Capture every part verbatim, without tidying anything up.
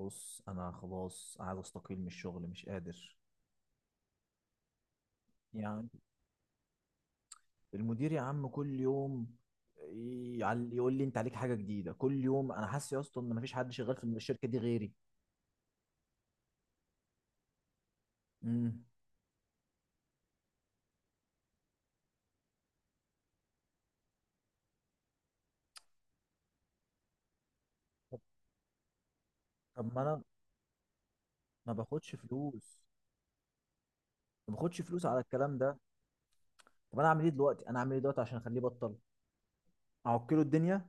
بص، انا خلاص عايز استقيل من الشغل، مش قادر. يعني المدير يا عم كل يوم يعل- يقول لي انت عليك حاجه جديده كل يوم. انا حاسس يا اسطى ان مفيش حد شغال في الشركه دي غيري. امم طب طب ما انا ما باخدش فلوس، ما باخدش فلوس على الكلام ده. طب انا اعمل ايه دلوقتي، انا اعمل ايه دلوقتي عشان اخليه يبطل. اعكله الدنيا.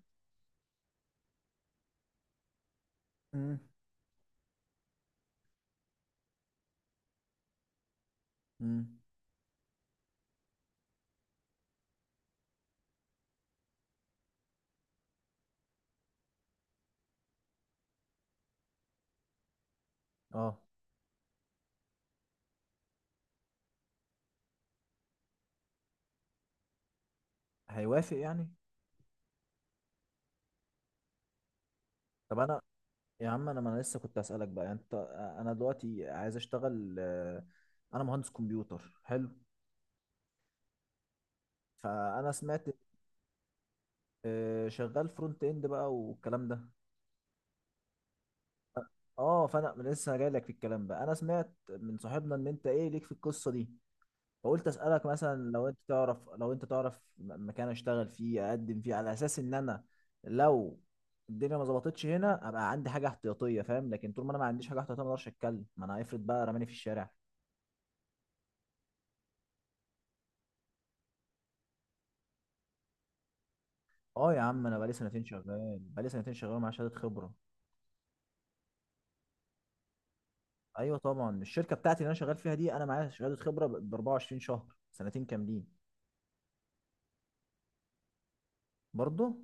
امم امم اه هيوافق يعني؟ طب انا يا عم، انا ما انا لسه كنت اسالك بقى، يعني انت. انا دلوقتي عايز اشتغل. آه، انا مهندس كمبيوتر حلو. فانا سمعت. آه، شغال فرونت اند بقى والكلام ده. اه، فانا لسه جايلك في الكلام بقى. انا سمعت من صاحبنا ان انت ايه ليك في القصه دي. فقلت اسالك، مثلا لو انت تعرف، لو انت تعرف م- مكان اشتغل فيه، اقدم فيه على اساس ان انا لو الدنيا ما ظبطتش هنا ابقى عندي حاجه احتياطيه، فاهم. لكن طول ما انا ما عنديش حاجه احتياطيه ما اقدرش اتكلم، ما انا هيفرض بقى رماني في الشارع. اه يا عم، انا بقالي سنتين شغال، بقالي سنتين شغال مع شهاده خبره. ايوه طبعا، الشركه بتاعتي اللي انا شغال فيها دي، انا معايا شهاده خبره ب أربعة وعشرين شهر، سنتين كاملين. برضه.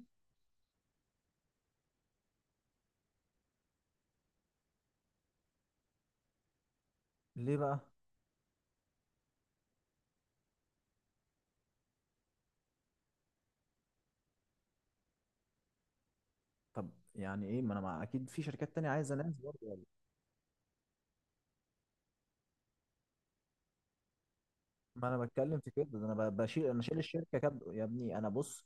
ليه بقى؟ طب يعني ايه؟ ما انا مع... اكيد في شركات تانية عايزه ناس برضه يعني. ما انا بتكلم في كده، ده انا ب- بشيل، انا شايل الشركه كب... يا ابني انا بص.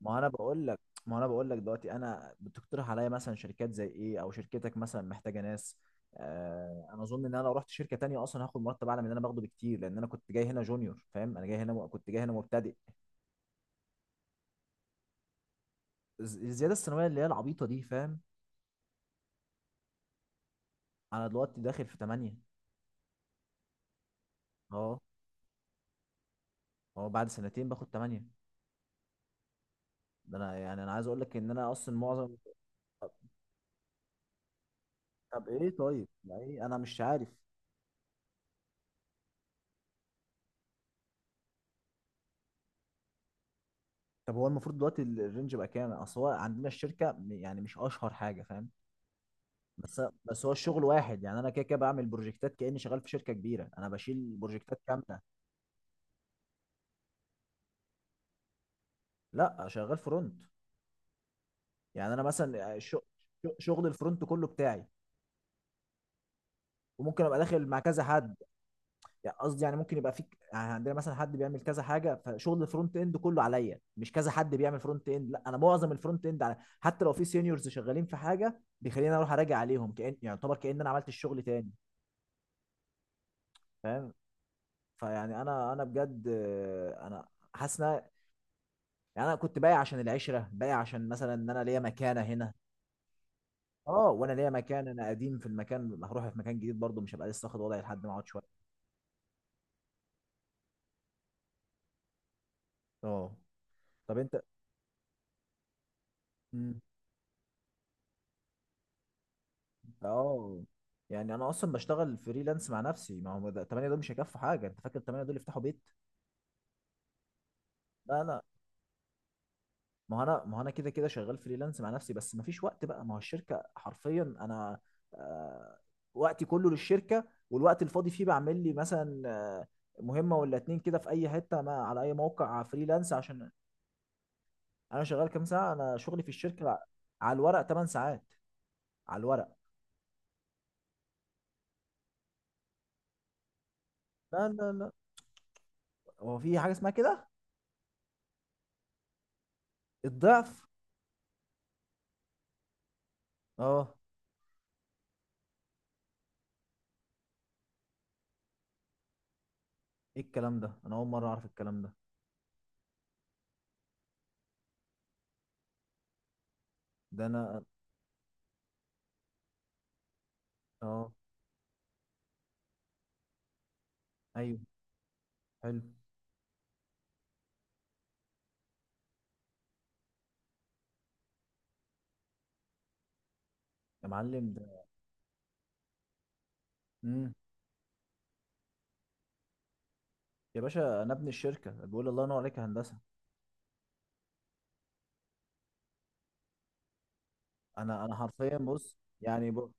ما انا بقول لك ما انا بقول لك دلوقتي، انا بتقترح عليا مثلا شركات زي ايه، او شركتك مثلا محتاجه ناس؟ آه، انا اظن ان انا لو رحت شركه تانية اصلا هاخد مرتب اعلى من اللي انا باخده بكتير، لان انا كنت جاي هنا جونيور، فاهم. انا جاي هنا م- كنت جاي هنا مبتدئ. الز- الزياده السنويه اللي هي العبيطه دي، فاهم. انا دلوقتي داخل في تمانية. اه. اه بعد سنتين باخد تمانية. ده انا يعني، انا عايز اقول لك ان انا اصلا معظم... طب ايه، طيب ما ايه، انا مش عارف. طب هو المفروض دلوقتي ال- الرينج بقى كام؟ اصل هو عندنا الشركه م- يعني مش اشهر حاجه، فاهم. بس بس هو الشغل واحد يعني. انا كده كده بعمل بروجكتات كاني شغال في شركه كبيره، انا بشيل بروجكتات كامله. لا شغال فرونت. يعني انا مثلا الش- شغل الفرونت كله بتاعي، وممكن ابقى داخل مع كذا حد. يعني قصدي، يعني ممكن يبقى فيك، يعني عندنا مثلا حد بيعمل كذا حاجه، فشغل الفرونت اند كله عليا، مش كذا حد بيعمل فرونت اند، لا انا معظم الفرونت اند على. حتى لو في سينيورز شغالين في حاجه، بيخليني اروح اراجع عليهم، كأن يعني، يعتبر كأن انا عملت الشغل تاني، فاهم. فيعني انا انا بجد، آه، انا حاسس إن أنا- يعني انا كنت بايع عشان العشره، بايع عشان مثلا ان انا ليا مكانه هنا. اه، وانا ليا مكان، انا قديم في المكان. هروح في مكان جديد برضه، مش هبقى لسه واخد وضعي لحد ما اقعد شويه. اه. طب انت. اه، يعني انا اصلا بشتغل فريلانس مع نفسي، ما هو ده تمانية دول مش هيكفوا حاجه. انت فاكر تمانية دول يفتحوا بيت؟ لا لا، ما هو انا، ما هو انا كده كده شغال فريلانس مع نفسي، بس ما فيش وقت بقى. ما هو الشركه حرفيا انا، آه وقتي كله للشركه. والوقت الفاضي فيه بعمل لي مثلا آه مهمه ولا اتنين كده في اي حته، ما على اي موقع فريلانس، عشان. انا شغال كام ساعه، انا شغلي في الشركه على الورق ثماني ساعات، على الورق. لا لا لا هو في حاجه اسمها كده، الضعف. اه، ايه الكلام ده، انا اول مره اعرف الكلام ده. ده انا. اه. ايوه. حلو. يا معلم ده. امم. يا باشا، انا ابن الشركه بيقول. الله ينور عليك يا هندسه. انا انا حرفيا بص يعني ب...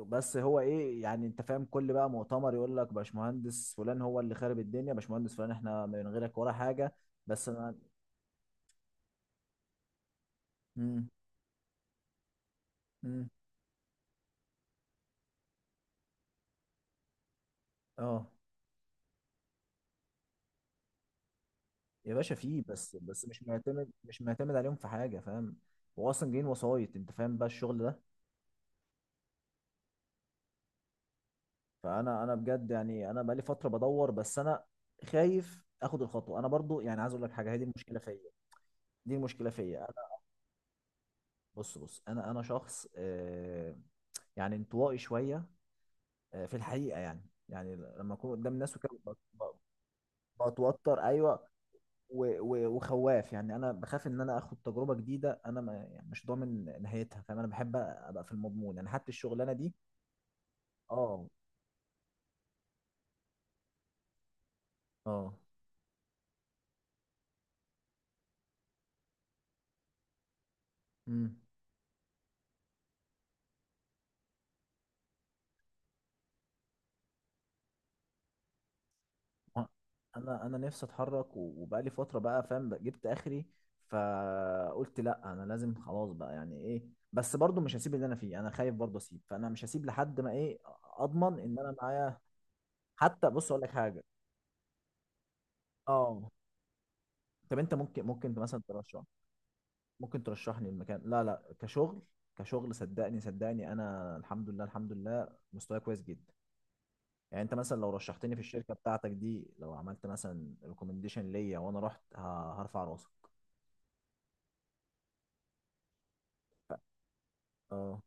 بس هو ايه يعني؟ انت فاهم، كل بقى مؤتمر يقول لك باشمهندس فلان هو اللي خارب الدنيا، باشمهندس فلان احنا من غيرك ولا حاجه. بس انا. امم. امم. اه. يا باشا، فيه، بس بس مش معتمد، مش معتمد عليهم في حاجه، فاهم. هو اصلا جايين وسايط، انت فاهم بقى الشغل ده. فانا، انا بجد يعني، انا بقالي فتره بدور، بس انا خايف اخد الخطوه. انا برضو يعني عايز اقول لك حاجه، هي دي المشكله فيا، دي المشكله فيا انا. بص بص انا انا شخص، آه، يعني انطوائي شويه، آه، في الحقيقه يعني. يعني لما اكون قدام الناس وكده، ب- ب- بتوتر، ايوه. و- و- وخواف يعني. انا بخاف ان انا اخد تجربه جديده، انا ما يعني مش ضامن نهايتها، فاهم. انا بحب ابقى في المضمون، يعني حتى الشغلانه دي. اه. اه. امم. أه، انا، انا نفسي اتحرك، و- وبقالي فتره بقى، فاهم بقى، جبت اخري. فقلت لا، انا لازم خلاص بقى، يعني ايه. بس برضو مش هسيب اللي انا فيه، انا خايف برضو اسيب، فانا مش هسيب لحد ما ايه، اضمن ان انا معايا. حتى بص اقول لك حاجه. اه. طب انت ممكن ممكن مثلا ترشح ممكن ترشحني المكان. لا لا، كشغل، كشغل. صدقني صدقني، انا الحمد لله، الحمد لله مستواي كويس جدا. يعني انت مثلا لو رشحتني في الشركه بتاعتك دي، لو عملت مثلا ريكومنديشن ليا، وانا رحت ه- هرفع راسك. اه،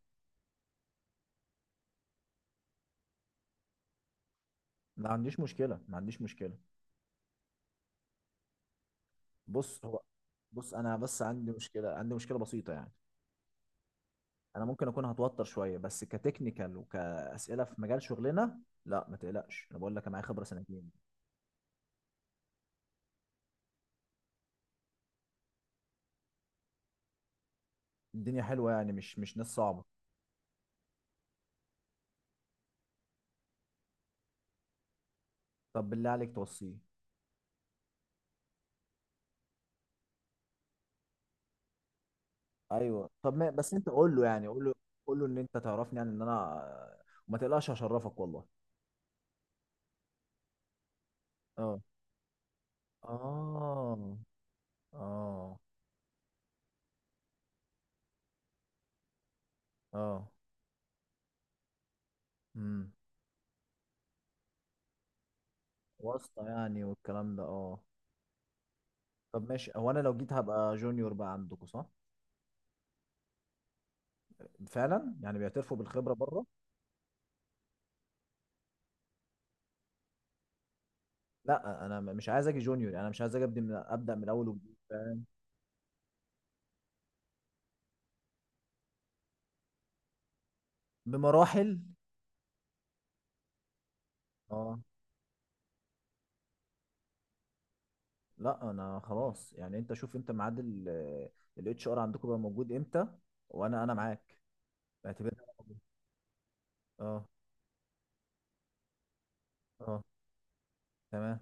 ما عنديش مشكلة، ما عنديش مشكلة. بص هو، بص أنا بس عندي مشكلة، عندي مشكلة بسيطة يعني. أنا ممكن أكون هتوتر شوية، بس كتكنيكال وكأسئلة في مجال شغلنا، لا ما تقلقش، أنا بقول لك، أنا معايا خبرة سنتين. الدنيا حلوة يعني، مش مش ناس صعبة. طب بالله عليك توصيه. أيوه، طب ما بس أنت قول له، يعني قول له، قول له إن أنت تعرفني، يعني إن أنا، وما تقلقش هشرفك والله. أه. آه. آه. آه. امم. واسطة يعني والكلام ده، أه. طب ماشي. هو انا لو جيت هبقى جونيور بقى عندكم؟ صح، فعلا يعني بيعترفوا بالخبره بره. لا، انا م- مش عايز اجي جونيور، يعني انا مش عايز اجي ابدا من ابدا من الاول وجديد، فاهم. بمراحل. اه، لا انا خلاص يعني. انت شوف، انت ميعاد الاتش ار عندكم بقى موجود امتى، وانا انا معاك، اعتبرني أنا موجود. اه. اه. تمام.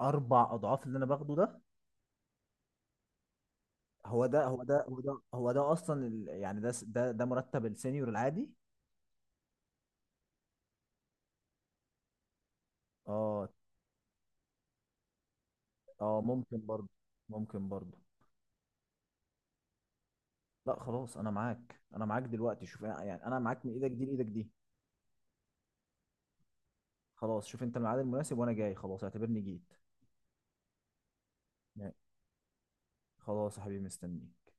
اربع اضعاف اللي انا باخده ده. هو ده هو ده هو ده هو ده اصلا ال... يعني، ده س- ده ده مرتب السينيور العادي. اه. اه، ممكن برضه. ممكن برضه. لا خلاص، انا معاك، انا معاك دلوقتي. شوف يعني، انا معاك من ايدك دي لايدك دي. خلاص، شوف انت الميعاد المناسب وانا جاي، خلاص اعتبرني جيت. يعني، خلاص يا حبيبي مستنيك.